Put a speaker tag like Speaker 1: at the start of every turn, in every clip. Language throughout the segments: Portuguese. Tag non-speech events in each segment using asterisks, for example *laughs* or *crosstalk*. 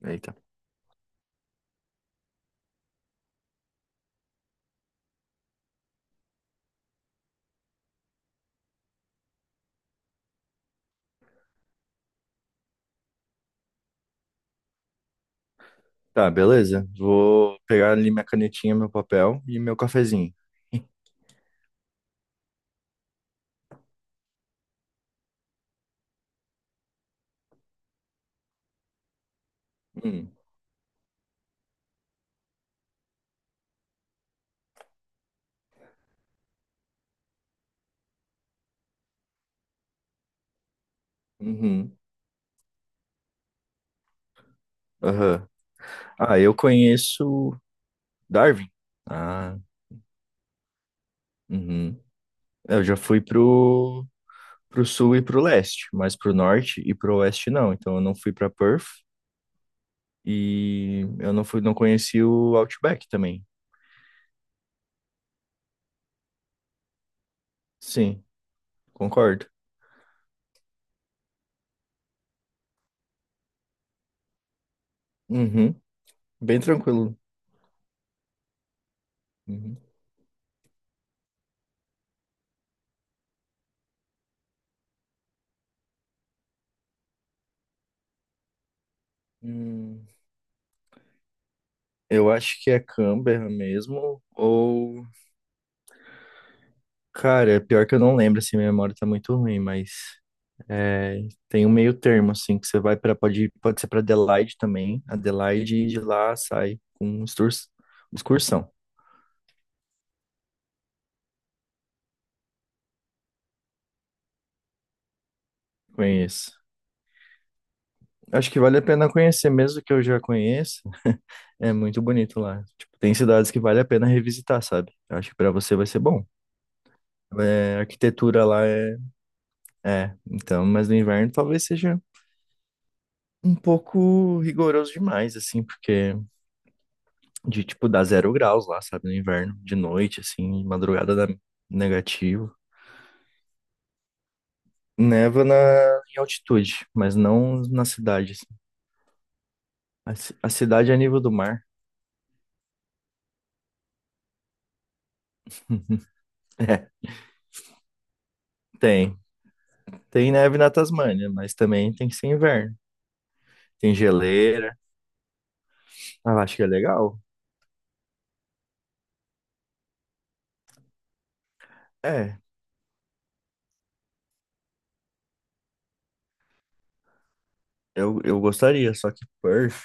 Speaker 1: Eita. Tá, beleza. Vou pegar ali minha canetinha, meu papel e meu cafezinho. *laughs* Hum, uhum, aham. Ah, eu conheço Darwin. Ah, uhum. Eu já fui pro sul e pro leste, mas pro norte e pro oeste não. Então eu não fui pra Perth e eu não fui, não conheci o Outback também. Sim, concordo. Uhum. Bem tranquilo. Uhum. Hum, eu acho que é Canberra mesmo, ou... Cara, é pior que eu não lembro, assim, minha memória tá muito ruim, mas... É, tem um meio termo, assim, que você vai para pode ser para Adelaide também, Adelaide, e de lá sai com excursão. Conheço. Acho que vale a pena conhecer, mesmo que eu já conheça. *laughs* É muito bonito lá. Tipo, tem cidades que vale a pena revisitar, sabe? Eu acho que para você vai ser bom. É, a arquitetura lá é. É, então, mas no inverno talvez seja um pouco rigoroso demais, assim, porque de tipo dá 0 graus lá, sabe, no inverno, de noite, assim, de madrugada dá negativo. Neva em altitude, mas não na cidade, assim. A, a cidade é a nível do mar. *laughs* É, tem. Tem neve na Tasmânia, mas também tem que ser inverno. Tem geleira. Ah, eu acho que é legal. É, eu gostaria, só que Perth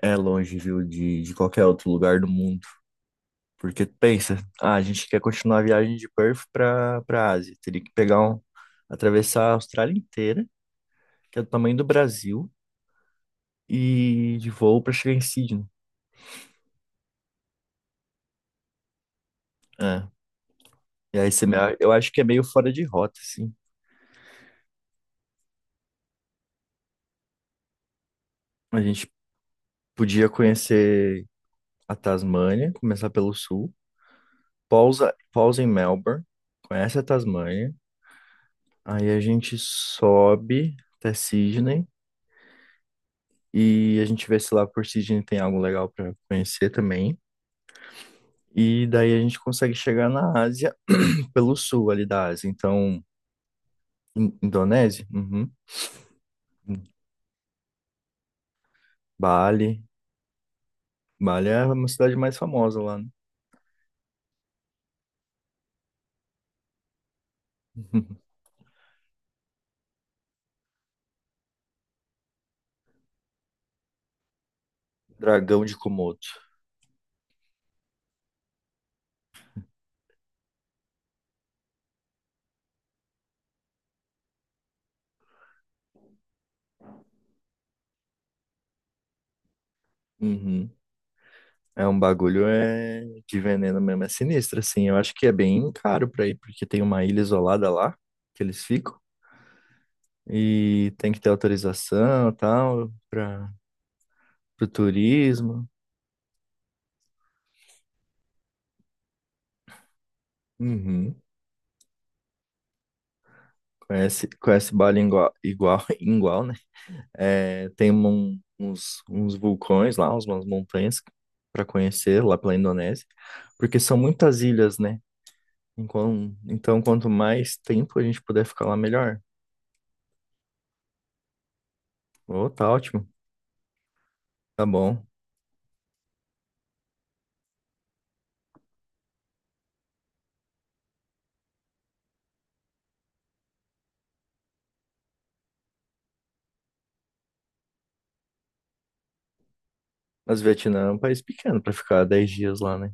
Speaker 1: é longe, viu, de qualquer outro lugar do mundo. Porque pensa, ah, a gente quer continuar a viagem de Perth para Ásia. Teria que pegar atravessar a Austrália inteira, que é do tamanho do Brasil, e de voo para chegar em Sydney. É. E aí você, eu acho que é meio fora de rota, assim. A gente podia conhecer a Tasmânia, começar pelo sul, pausa, pausa em Melbourne, conhece a Tasmânia, aí a gente sobe até Sydney e a gente vê se lá por Sydney tem algo legal para conhecer também. E daí a gente consegue chegar na Ásia *clears throat* pelo sul ali da Ásia. Então, Indonésia? Uhum. Bali. Bali é uma cidade mais famosa lá, né? *laughs* Dragão de Komodo. Uhum. É um bagulho é de veneno mesmo, é sinistro, assim. Eu acho que é bem caro pra ir, porque tem uma ilha isolada lá que eles ficam e tem que ter autorização e tal para o turismo. Uhum. Conhece, conhece Bali igual, igual, *laughs* igual, né? É, tem uns vulcões lá, umas montanhas para conhecer lá pela Indonésia, porque são muitas ilhas, né? Então, quanto mais tempo a gente puder ficar lá, melhor. Oh, tá ótimo, tá bom. Mas o Vietnã é um país pequeno para ficar 10 dias lá, né?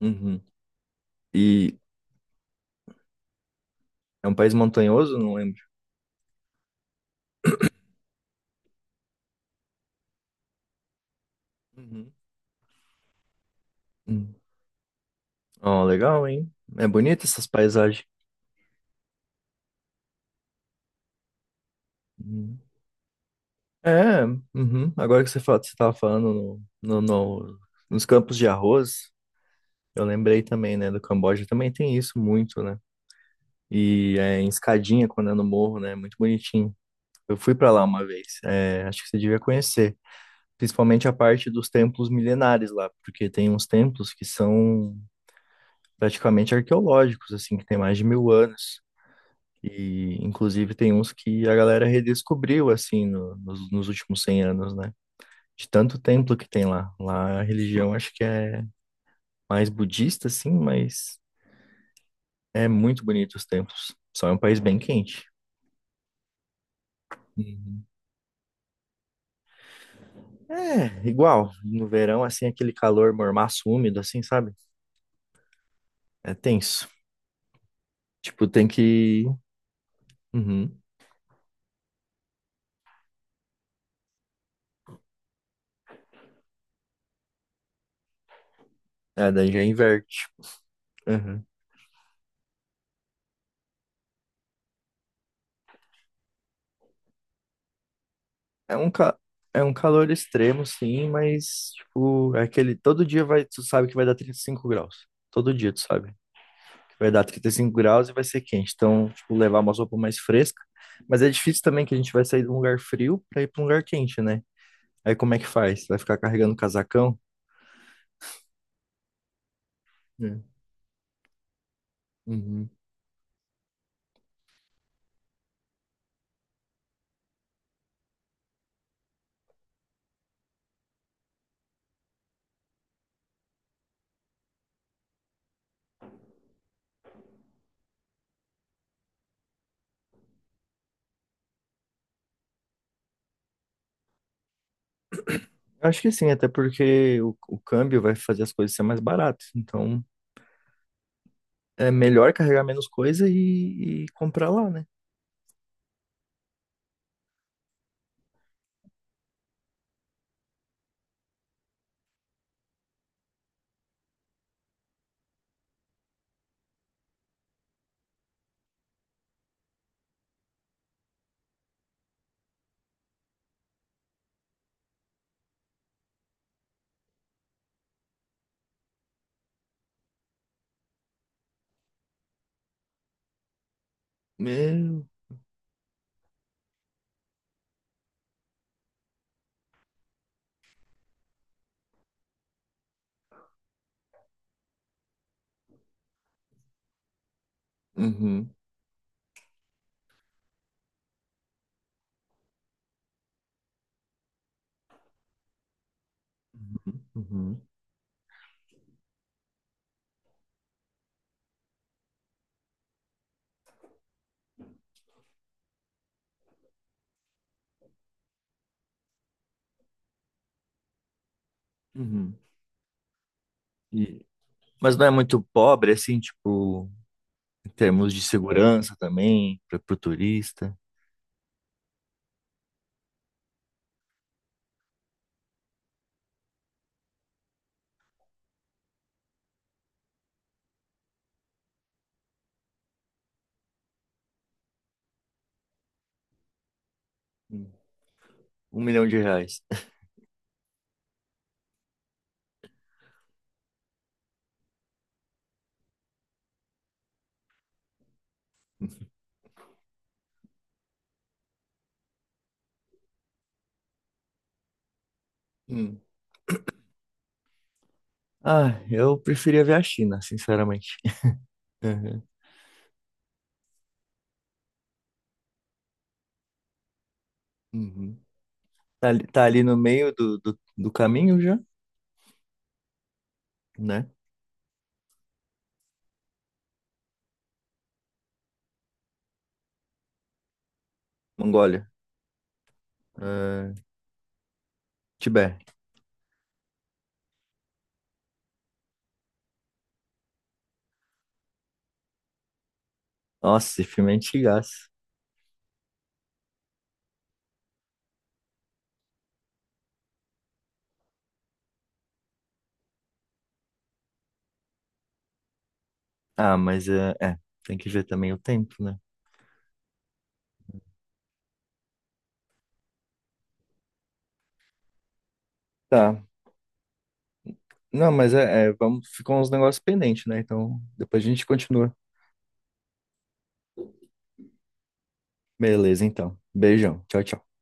Speaker 1: Uhum. E é um país montanhoso, não lembro. Uhum. Ó, legal, hein? É bonita essas paisagens. Hum. É, uhum. Agora que você fala, você estava falando no, no- no- nos campos de arroz, eu lembrei também, né, do Camboja, também tem isso muito, né? E é em escadinha, quando é no morro, né? Muito bonitinho. Eu fui para lá uma vez, é, acho que você devia conhecer. Principalmente a parte dos templos milenares lá, porque tem uns templos que são praticamente arqueológicos, assim, que tem mais de 1.000 anos. E, inclusive, tem uns que a galera redescobriu, assim, nos últimos 100 anos, né? De tanto templo que tem lá. Lá a religião acho que é mais budista, assim, mas é muito bonito os templos. Só é um país bem quente. Uhum. É, igual. No verão, assim, aquele calor mormaço úmido, assim, sabe? É tenso. Tipo, tem que... Uhum. É, daí já inverte. É um, ca... é um calor extremo, sim, mas, tipo, é aquele. Todo dia vai, tu sabe que vai dar 35 graus. Todo dia tu sabe que vai dar 35 graus e vai ser quente. Então, tipo, levar uma roupa mais fresca. Mas é difícil também que a gente vai sair de um lugar frio pra ir pra um lugar quente, né? Aí como é que faz? Vai ficar carregando casacão? É. Uhum. Eu acho que sim, até porque o câmbio vai fazer as coisas ser mais baratas. Então, é melhor carregar menos coisa e comprar lá, né? Meu. Uhum. Uhum. Uhum. Uhum. E- mas não é muito pobre, assim, tipo, em termos de segurança também, para o turista. Hum. R$ 1.000.000. Hum. Ah, eu preferia ver a China, sinceramente. *laughs* Uhum. Uhum. Tá ali no meio do caminho já, né? Mongólia. Ah, Tibete. Nossa, esse filme é antigaço. Ah, mas tem que ver também o tempo, né? Tá. Não, mas vamos, ficam uns negócios pendentes, né? Então, depois a gente continua. Beleza, então. Beijão. Tchau, tchau.